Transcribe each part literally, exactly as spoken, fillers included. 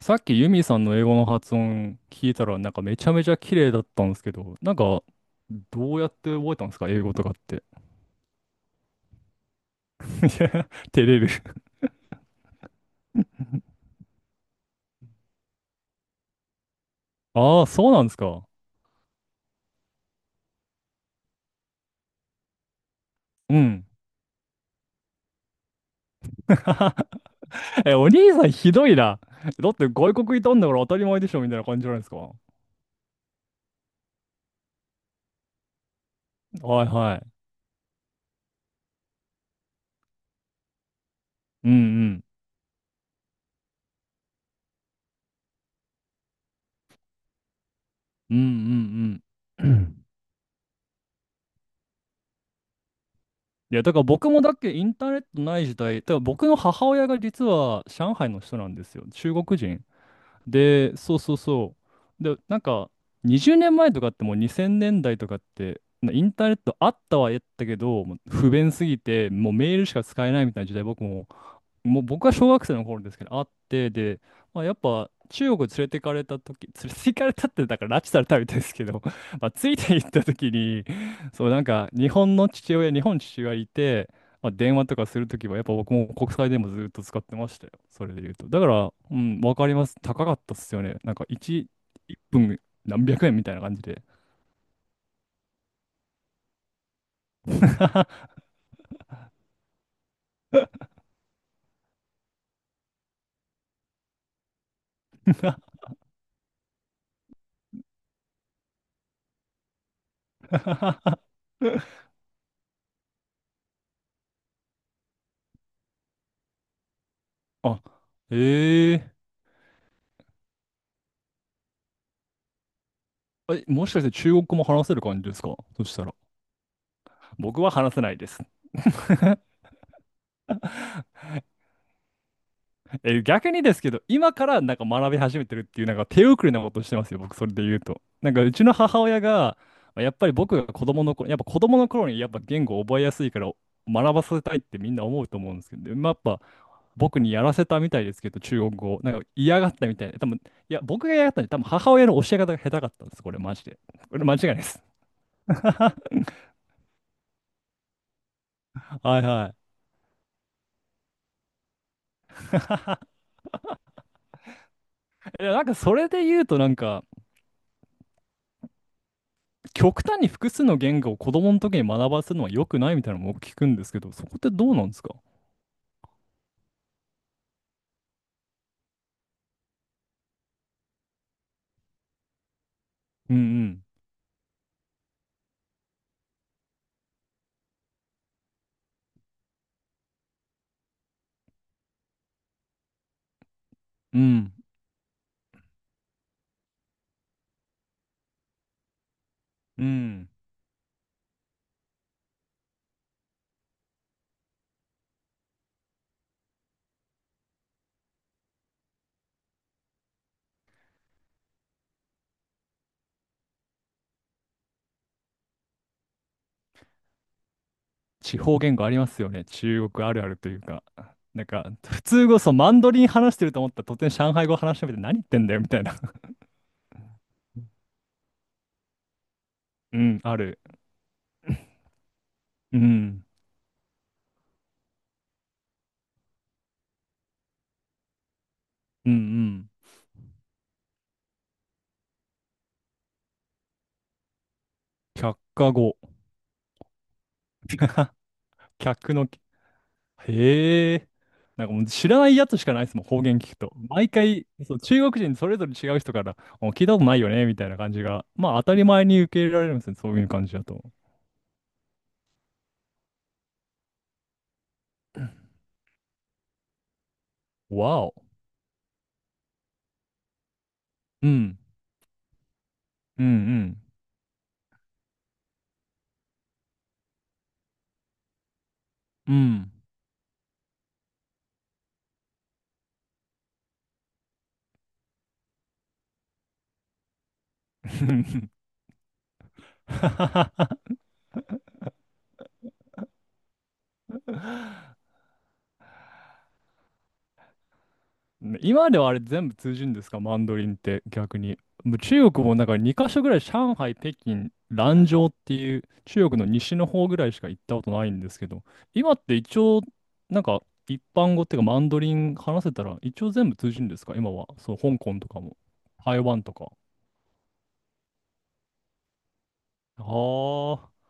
さっきユミさんの英語の発音聞いたらなんかめちゃめちゃ綺麗だったんですけど、なんかどうやって覚えたんですか、英語とかって？いや、照れる。ああ、そうなんですか。うん。え、お兄さんひどいな。だって外国いたんだから当たり前でしょみたいな感じじゃないですか。はいはい。うんうん。うんうんうん。いや、だから僕もだっけ、インターネットない時代、だから僕の母親が実は上海の人なんですよ。中国人。で、そうそうそう。で、なんか、にじゅうねんまえとかってもうにせんねんだいとかって、なインターネットあったはやったけど、もう不便すぎて、もうメールしか使えないみたいな時代、僕も、もう僕は小学生の頃ですけど、あって、で、まあ、やっぱ中国連れてかれた時、 連れて行かれたって、だから拉致されたみたいですけど、まあ、ついて行った時に、そう、なんか日本の父親、日本父親いて、まあ、電話とかするときは、やっぱ僕も国際電話ずっと使ってましたよ。それで言うと。だから、うん、わかります。高かったっすよね。なんかいち、いっぷん何百円みたいな感じで。あ、えええ、もしかして中国語も話せる感じですかそしたら？僕は話せないです。え、逆にですけど、今からなんか学び始めてるっていう、なんか手遅れなことしてますよ、僕、それで言うと。なんか、うちの母親が、やっぱり僕が子供の頃、やっぱ子供の頃にやっぱ言語を覚えやすいから学ばせたいってみんな思うと思うんですけど、でまあ、やっぱ僕にやらせたみたいですけど、中国語を、なんか嫌がったみたいで、多分、いや、僕が嫌がったんで、多分母親の教え方が下手かったんです、これ、マジで。これ、間違いないです。はいはい。いや、なんかそれで言うとなんか、極端に複数の言語を子供の時に学ばせるのは良くないみたいなのも僕聞くんですけど、そこってどうなんですか？うんうん。うん。うん。地方言語ありますよね。中国あるあるというか。なんか、普通語、そう、マンドリン話してると思ったら突然上海語話してみて何言ってんだよみたいな。うん、ある。うん。うんうん。却下語。客の、へえ。なんかもう知らないやつしかないですもん、方言聞くと。毎回、そう、中国人それぞれ違う人から、お聞いたことないよね、みたいな感じが、まあ当たり前に受け入れられるんですね、そういう感じだと。わお。うん、うん、うん、うん。今ではあれ全部通じるんですか、マンドリンって逆に？もう中国もなんかにかしょカ所ぐらい、上海、北京、蘭州っていう中国の西の方ぐらいしか行ったことないんですけど、今って一応なんか一般語っていうか、マンドリン話せたら一応全部通じるんですか、今は？そう、香港とかも、台湾とか。ああ。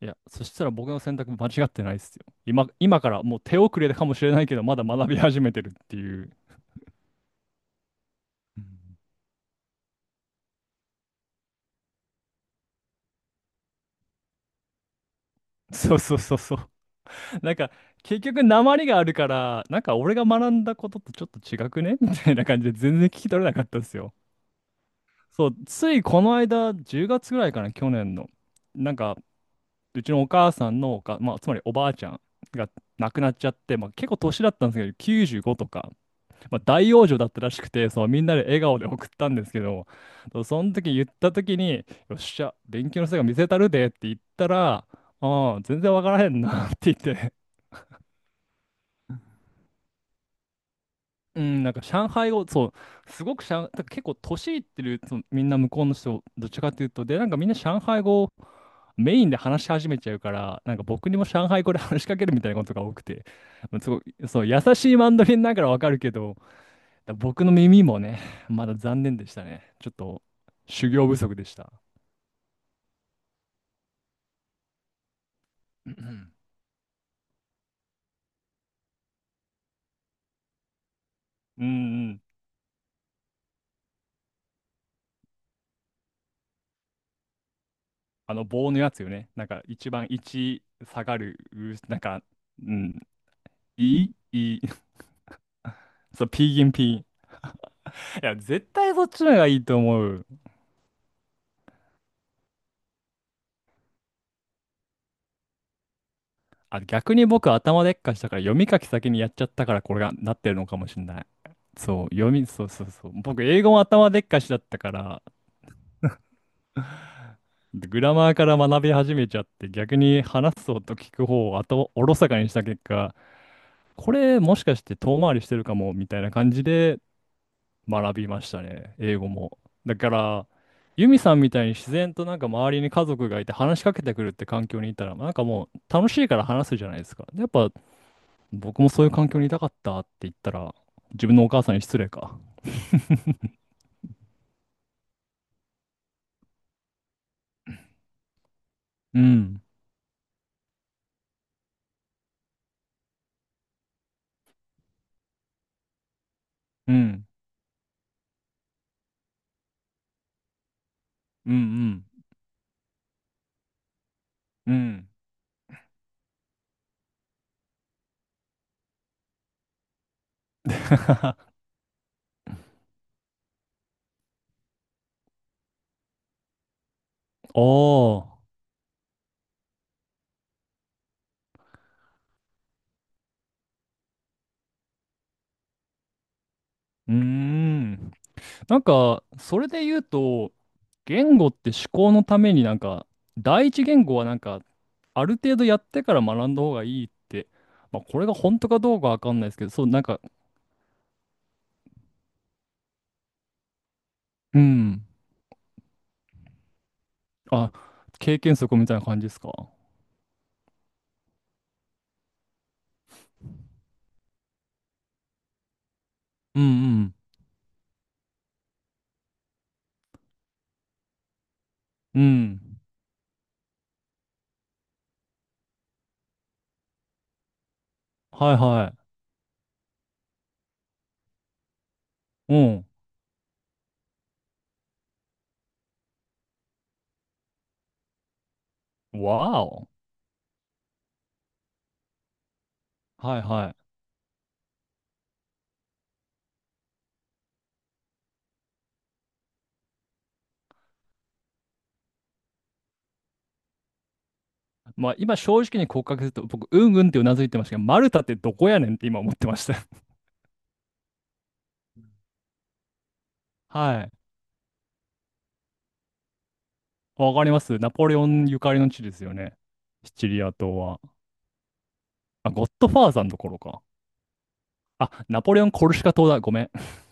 いや、そしたら僕の選択間違ってないですよ。今、今からもう手遅れかもしれないけど、まだ学び始めてるっていう。うん、そうそうそうそう。なんか、結局、訛りがあるから、なんか、俺が学んだこととちょっと違くね みたいな感じで全然聞き取れなかったんですよ。そう、ついこの間、じゅうがつぐらいかな、去年の。なんか、うちのお母さんのおか、まあ、つまりおばあちゃんが亡くなっちゃって、まあ、結構年だったんですけど、きゅうじゅうごとか、まあ、大往生だったらしくて、そう、みんなで笑顔で送ったんですけど、その時言った時に、よっしゃ、勉強の成果見せたるでって言ったら、ああ、全然わからへんなって言って、うん、なんか上海語、そう、すごく上、だから結構年いってる、そのみんな向こうの人、どっちかっていうと、で、なんかみんな上海語をメインで話し始めちゃうから、なんか僕にも上海語で話しかけるみたいなことが多くて、まあすごい、そう、優しいマンドリンだからわかるけど、僕の耳もね、まだ残念でしたね。ちょっと修行不足でした。うんうん。あの棒のやつよね。なんか一番いち下がる、うなんか、うん、いいいい、そう、ピーギンピー、いや、絶対そっちの方がいいと思う。あ、逆に僕頭でっかしたから読み書き先にやっちゃったからこれがなってるのかもしれない。そう、読み、そうそうそう。僕英語も頭でっかしだったから、グラマーから学び始めちゃって、逆に話す方と聞く方を後おろそかにした結果、これもしかして遠回りしてるかもみたいな感じで学びましたね、英語も。だから、ユミさんみたいに自然となんか周りに家族がいて話しかけてくるって環境にいたら、なんかもう楽しいから話すじゃないですか。でやっぱ僕もそういう環境にいたかったって言ったら、自分のお母さんに失礼か。うん、うん、うん、うん、うん。おー、うーん。なんか、それで言うと、言語って思考のためになんか、第一言語はなんか、ある程度やってから学んだ方がいいって、まあ、これが本当かどうかわかんないですけど、そう、なんか、うん。あ、経験則みたいな感じですか？うんうん。うん。はいはい。うん。わお。はいはい。まあ、今正直に告白すると、僕、うんうんってうなずいてましたけど、マルタってどこやねんって今思ってました。はい。わかります。ナポレオンゆかりの地ですよね。シチリア島は。あ、ゴッドファーザーの頃か。あ、ナポレオン・コルシカ島だ。ごめん。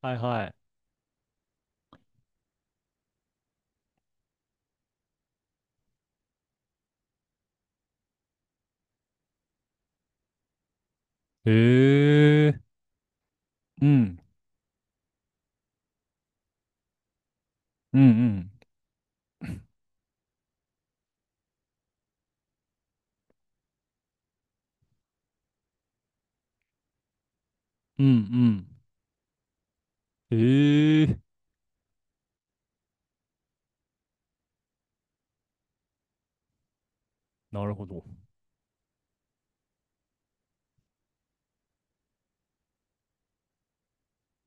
はいはい。へえ。うん。うんうん。うんうん。へえ。なるほど。